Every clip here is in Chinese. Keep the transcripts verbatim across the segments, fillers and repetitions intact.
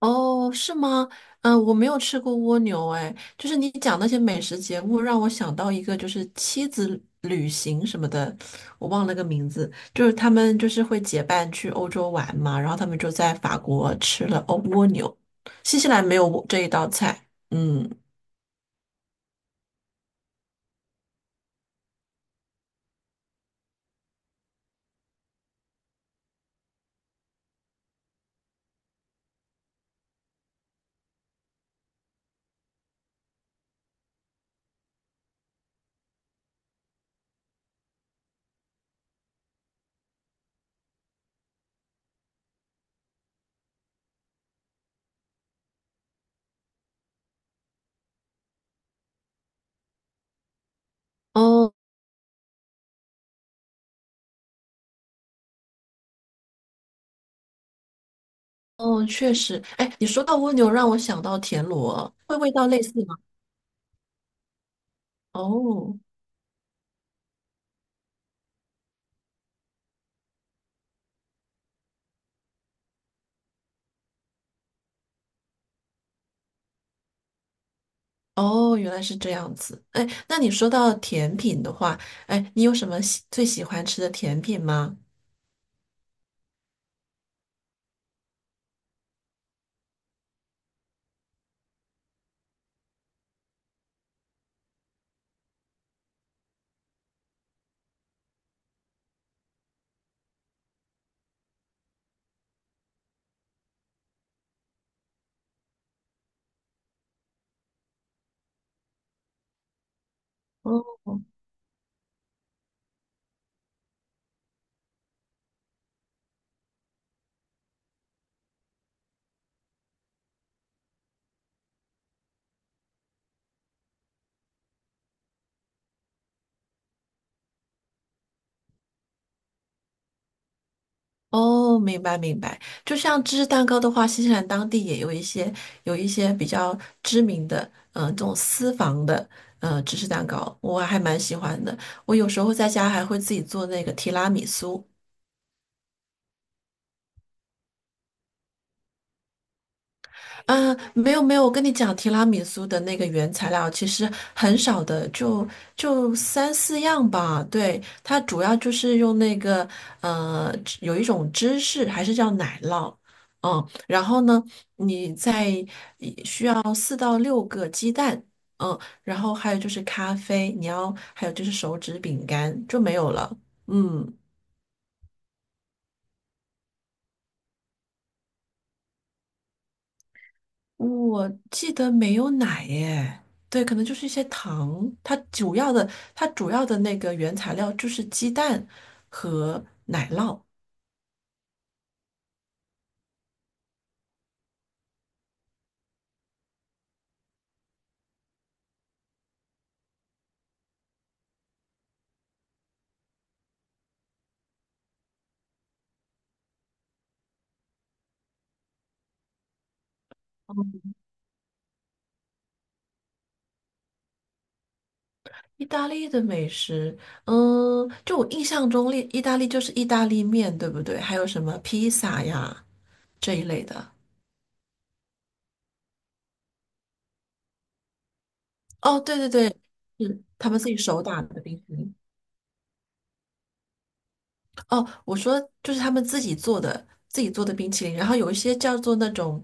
哦，是吗？嗯，我没有吃过蜗牛，哎，就是你讲那些美食节目，让我想到一个，就是妻子旅行什么的，我忘了个名字，就是他们就是会结伴去欧洲玩嘛，然后他们就在法国吃了欧蜗牛，新西兰没有蜗这一道菜，嗯。哦哦，确实，哎，你说到蜗牛，让我想到田螺，会味道类似吗？哦。哦，原来是这样子。哎，那你说到甜品的话，哎，你有什么喜最喜欢吃的甜品吗？哦哦，明白明白。就像芝士蛋糕的话，新西兰当地也有一些有一些比较知名的，嗯、这种私房的，呃，芝士蛋糕，我还蛮喜欢的。我有时候在家还会自己做那个提拉米苏。嗯，没有没有，我跟你讲，提拉米苏的那个原材料其实很少的，就就三四样吧。对，它主要就是用那个呃，芝有一种芝士，还是叫奶酪，嗯，然后呢，你再一需要四到六个鸡蛋，嗯，然后还有就是咖啡，你要还有就是手指饼干就没有了，嗯。我记得没有奶耶，对，可能就是一些糖。它主要的，它主要的那个原材料就是鸡蛋和奶酪。意大利的美食，嗯，就我印象中，意意大利就是意大利面，对不对？还有什么披萨呀这一类的。哦，对对对，是他们自己手打的冰淇淋。哦，我说就是他们自己做的，自己做的冰淇淋，然后有一些叫做那种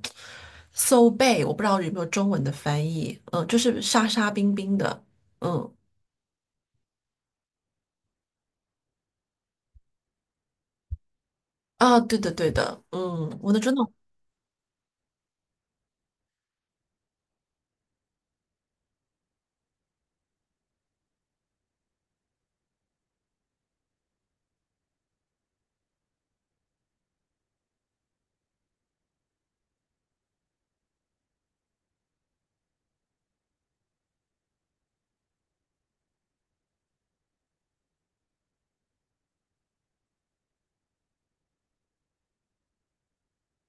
s o b a， 我不知道有没有中文的翻译，嗯，就是沙沙冰冰的，嗯，啊，对的对的，嗯，我的真的。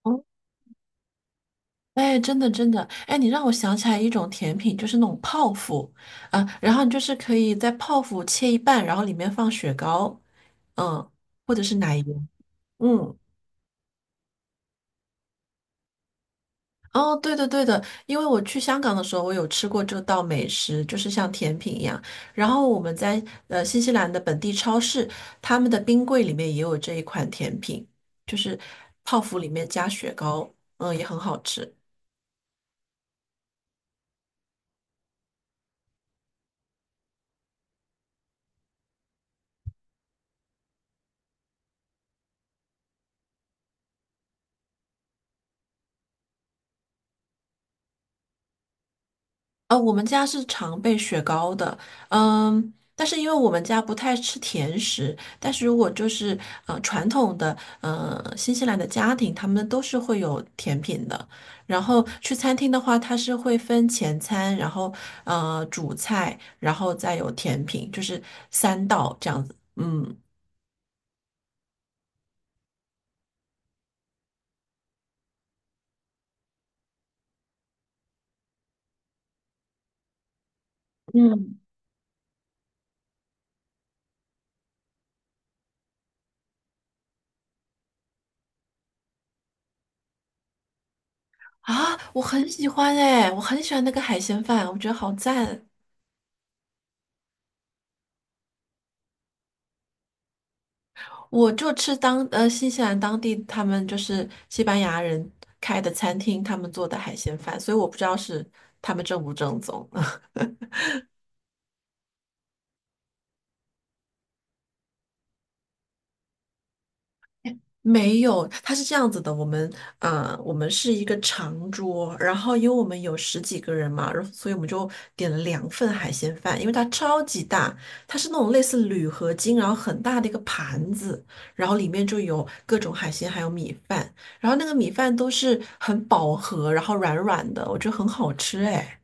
哦，哎，真的真的，哎，你让我想起来一种甜品，就是那种泡芙啊，然后你就是可以在泡芙切一半，然后里面放雪糕，嗯，或者是奶油，嗯。哦，对的对的，因为我去香港的时候，我有吃过这道美食，就是像甜品一样。然后我们在呃新西兰的本地超市，他们的冰柜里面也有这一款甜品，就是泡芙里面加雪糕，嗯，也很好吃。呃，我们家是常备雪糕的，嗯，但是因为我们家不太吃甜食，但是如果就是呃传统的呃新西兰的家庭，他们都是会有甜品的。然后去餐厅的话，它是会分前餐，然后呃主菜，然后再有甜品，就是三道这样子。嗯，啊，我很喜欢哎，我很喜欢那个海鲜饭，我觉得好赞。我就吃当呃新西兰当地他们就是西班牙人开的餐厅，他们做的海鲜饭，所以我不知道是他们正不正宗。没有，它是这样子的，我们呃，我们是一个长桌，然后因为我们有十几个人嘛，然后所以我们就点了两份海鲜饭，因为它超级大，它是那种类似铝合金，然后很大的一个盘子，然后里面就有各种海鲜，还有米饭，然后那个米饭都是很饱和，然后软软的，我觉得很好吃哎。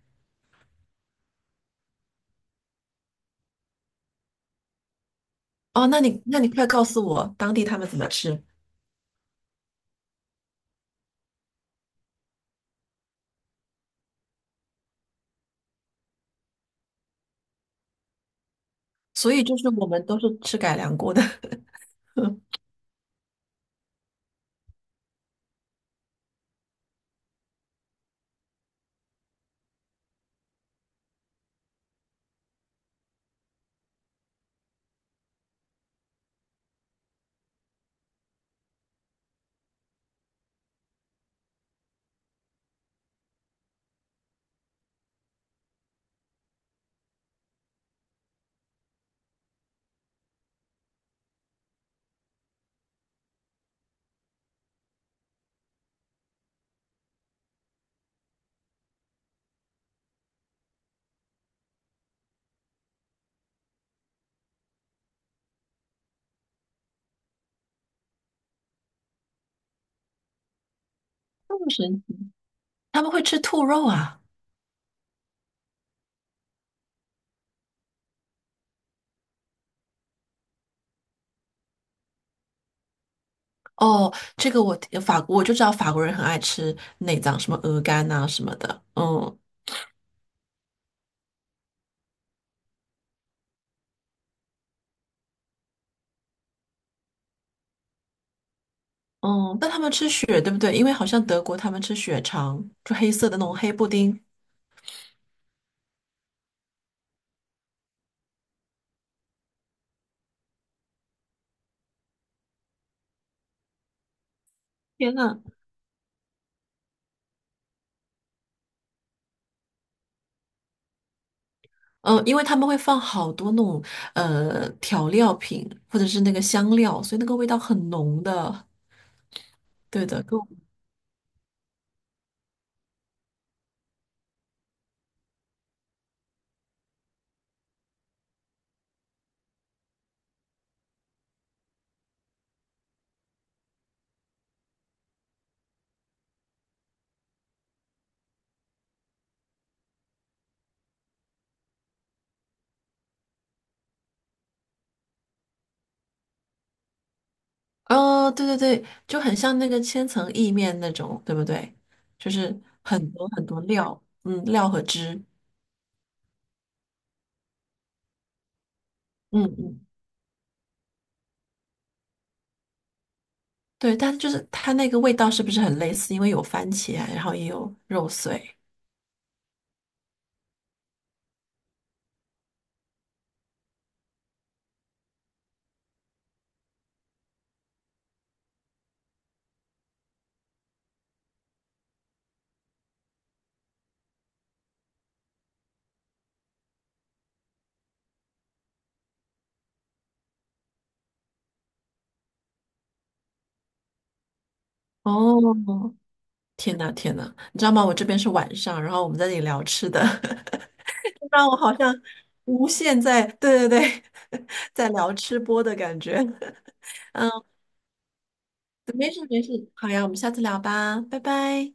哦，那你那你快告诉我当地他们怎么吃？所以就是我们都是吃改良过的，这么神奇，他们会吃兔肉啊。哦，这个我法国我就知道法国人很爱吃内脏，什么鹅肝啊什么的。嗯嗯，但他们吃血对不对？因为好像德国他们吃血肠，就黑色的那种黑布丁。天呐，嗯，因为他们会放好多那种呃调料品或者是那个香料，所以那个味道很浓的。对的，跟我哦，对对对，就很像那个千层意面那种，对不对？就是很多很多料，嗯，料和汁。嗯嗯。对，但就是它那个味道是不是很类似？因为有番茄啊然后也有肉碎。哦，天呐天呐，你知道吗？我这边是晚上，然后我们在这里聊吃的。让我好像无限在，对对对，在聊吃播的感觉。嗯，没事没事，好呀，我们下次聊吧，拜拜。